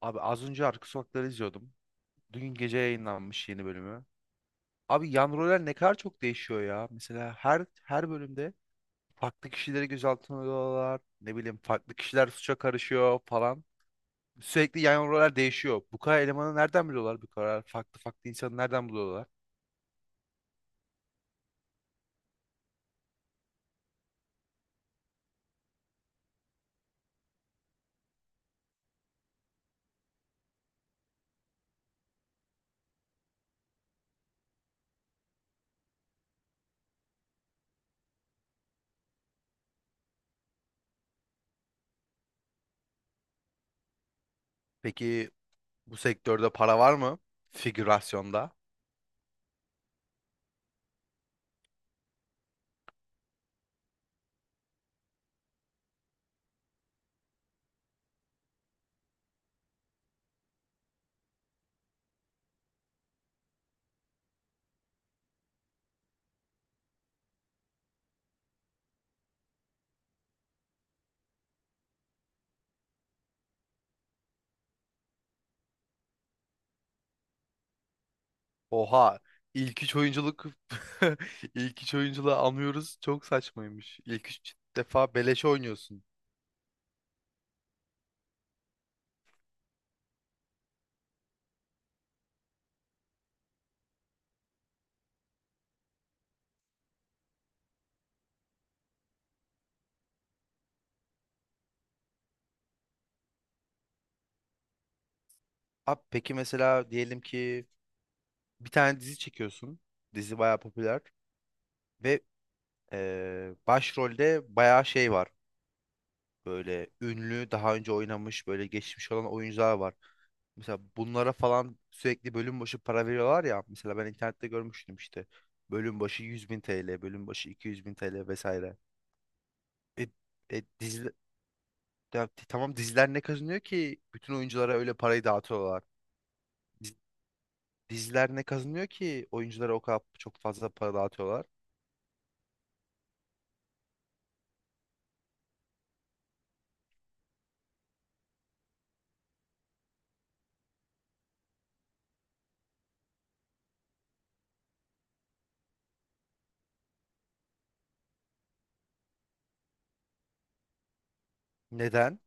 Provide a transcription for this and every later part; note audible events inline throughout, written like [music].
Abi az önce Arka Sokakları izliyordum. Dün gece yayınlanmış yeni bölümü. Abi yan roller ne kadar çok değişiyor ya. Mesela her bölümde farklı kişileri gözaltına alıyorlar. Ne bileyim farklı kişiler suça karışıyor falan. Sürekli yan roller değişiyor. Bu kadar elemanı nereden buluyorlar? Bu kadar farklı farklı insanı nereden buluyorlar? Peki bu sektörde para var mı? Figürasyonda. Oha ilk üç oyunculuk [laughs] ilk üç oyunculuğu anlıyoruz. Çok saçmaymış. İlk üç defa beleşe oynuyorsun. Abi peki mesela diyelim ki bir tane dizi çekiyorsun. Dizi bayağı popüler ve başrolde bayağı şey var. Böyle ünlü, daha önce oynamış, böyle geçmiş olan oyuncular var. Mesela bunlara falan sürekli bölüm başı para veriyorlar ya. Mesela ben internette görmüştüm işte. Bölüm başı 100 bin TL, bölüm başı 200 bin TL vesaire. E, dizi, tamam diziler ne kazanıyor ki bütün oyunculara öyle parayı dağıtıyorlar? Diz- Diziler ne kazanıyor ki oyunculara o kadar çok fazla para dağıtıyorlar? Neden?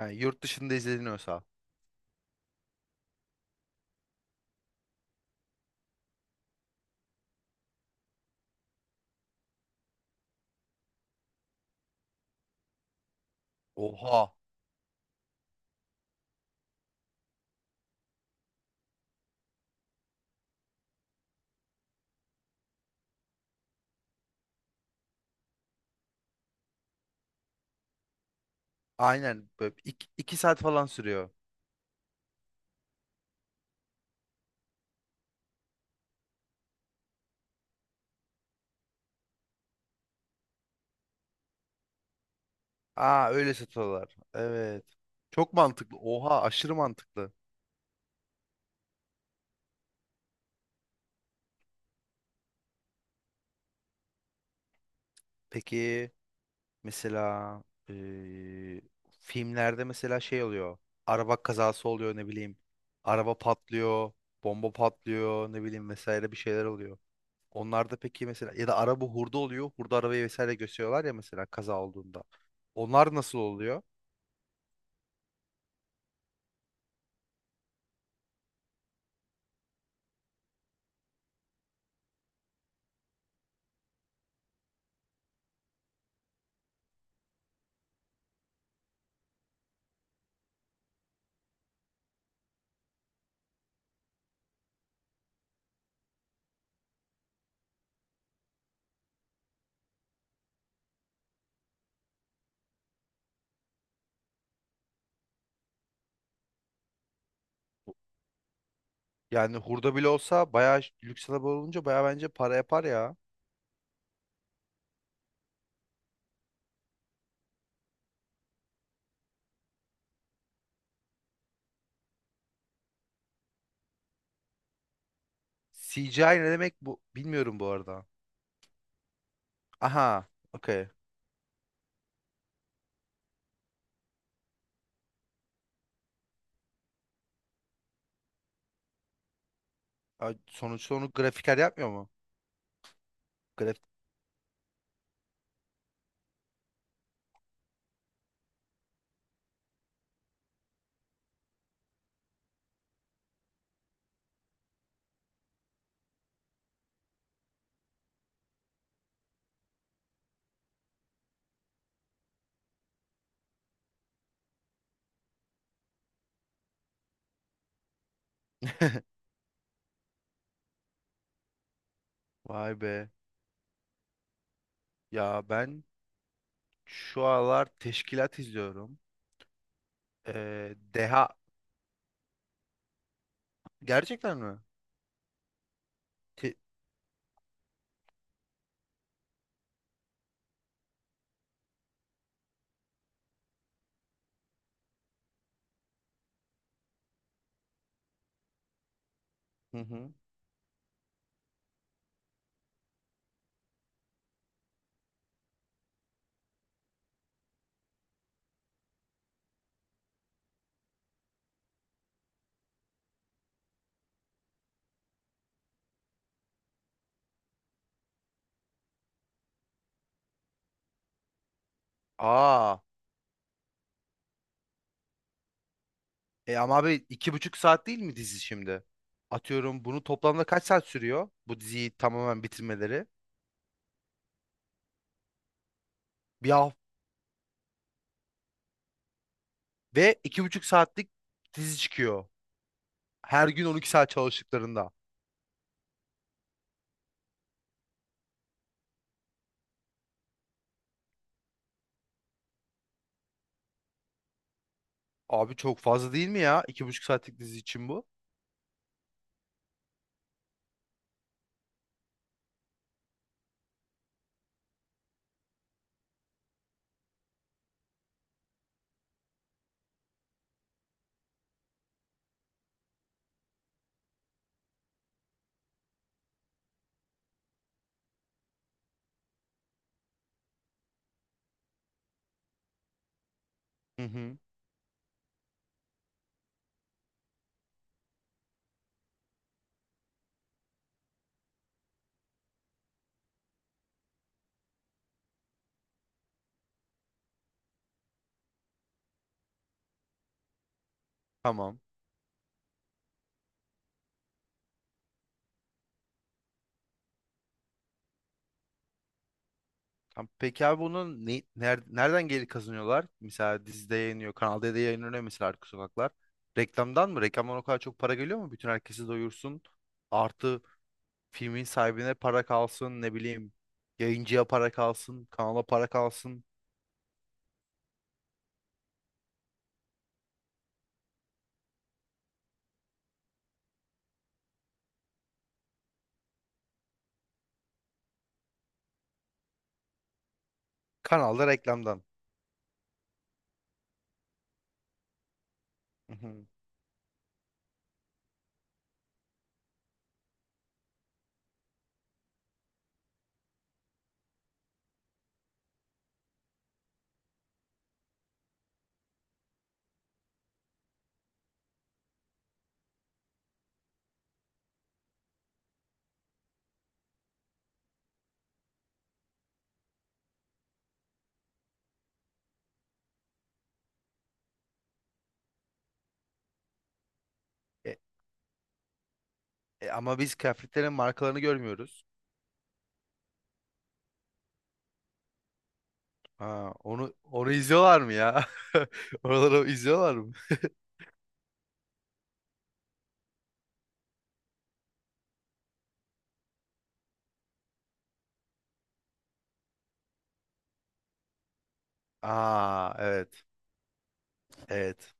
Yani yurt dışında izleniyorsa. Oha. Aynen. Böyle iki, iki saat falan sürüyor. Aa öyle satıyorlar. Evet. Çok mantıklı. Oha aşırı mantıklı. Peki mesela eee, filmlerde mesela şey oluyor. Araba kazası oluyor ne bileyim. Araba patlıyor. Bomba patlıyor ne bileyim vesaire bir şeyler oluyor. Onlarda peki mesela ya da araba hurda oluyor. Hurda arabayı vesaire gösteriyorlar ya mesela kaza olduğunda. Onlar nasıl oluyor? Yani hurda bile olsa bayağı lüks araba olunca bayağı bence para yapar ya. CGI ne demek bu bilmiyorum bu arada. Aha, okey. Ay, sonuçta onu grafiker yapmıyor mu? Graf [laughs] Vay be. Ya ben şu aralar teşkilat izliyorum. Deha gerçekten mi? Te- Hı hı. Aa, e ama abi iki buçuk saat değil mi dizi şimdi? Atıyorum bunu toplamda kaç saat sürüyor? Bu diziyi tamamen bitirmeleri. Bir hafta ve iki buçuk saatlik dizi çıkıyor. Her gün 12 saat çalıştıklarında. Abi çok fazla değil mi ya? İki buçuk saatlik dizi için bu. Hı hı. Tamam. Tamam. Peki abi bunu nereden geri kazanıyorlar? Mesela dizide yayınlıyor. Kanal D'de yayınlanıyor mesela Arka Sokaklar. Reklamdan mı? Reklamdan o kadar çok para geliyor mu? Bütün herkesi doyursun. Artı filmin sahibine para kalsın. Ne bileyim. Yayıncıya para kalsın. Kanala para kalsın. Kanalda reklamdan. Hı hı. E, ama biz kıyafetlerin markalarını görmüyoruz. Ha, onu izliyorlar mı ya? [laughs] Oraları izliyorlar mı? Aa evet. Evet.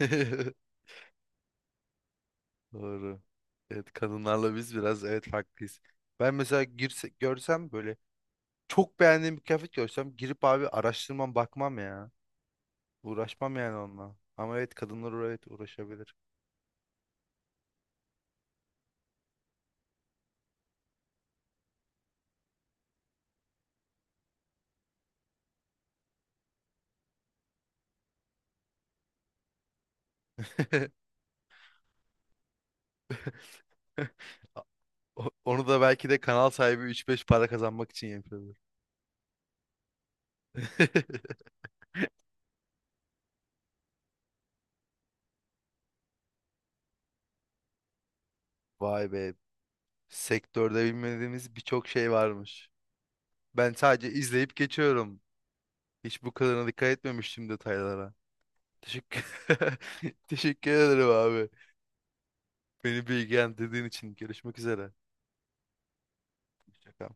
[laughs] Doğru. Evet kadınlarla biz biraz evet farklıyız. Ben mesela görsem böyle çok beğendiğim bir kıyafet görsem girip abi araştırmam bakmam ya. Uğraşmam yani onunla. Ama evet kadınlar evet uğraşabilir. [laughs] Onu da belki de kanal sahibi üç beş para kazanmak için yapıyordur. [laughs] Vay be. Sektörde bilmediğimiz birçok şey varmış. Ben sadece izleyip geçiyorum. Hiç bu kadarına dikkat etmemiştim detaylara. Teşekkür [laughs] Teşekkür ederim abi. Beni bilgilendirdiğin için görüşmek üzere. Hoşça kal.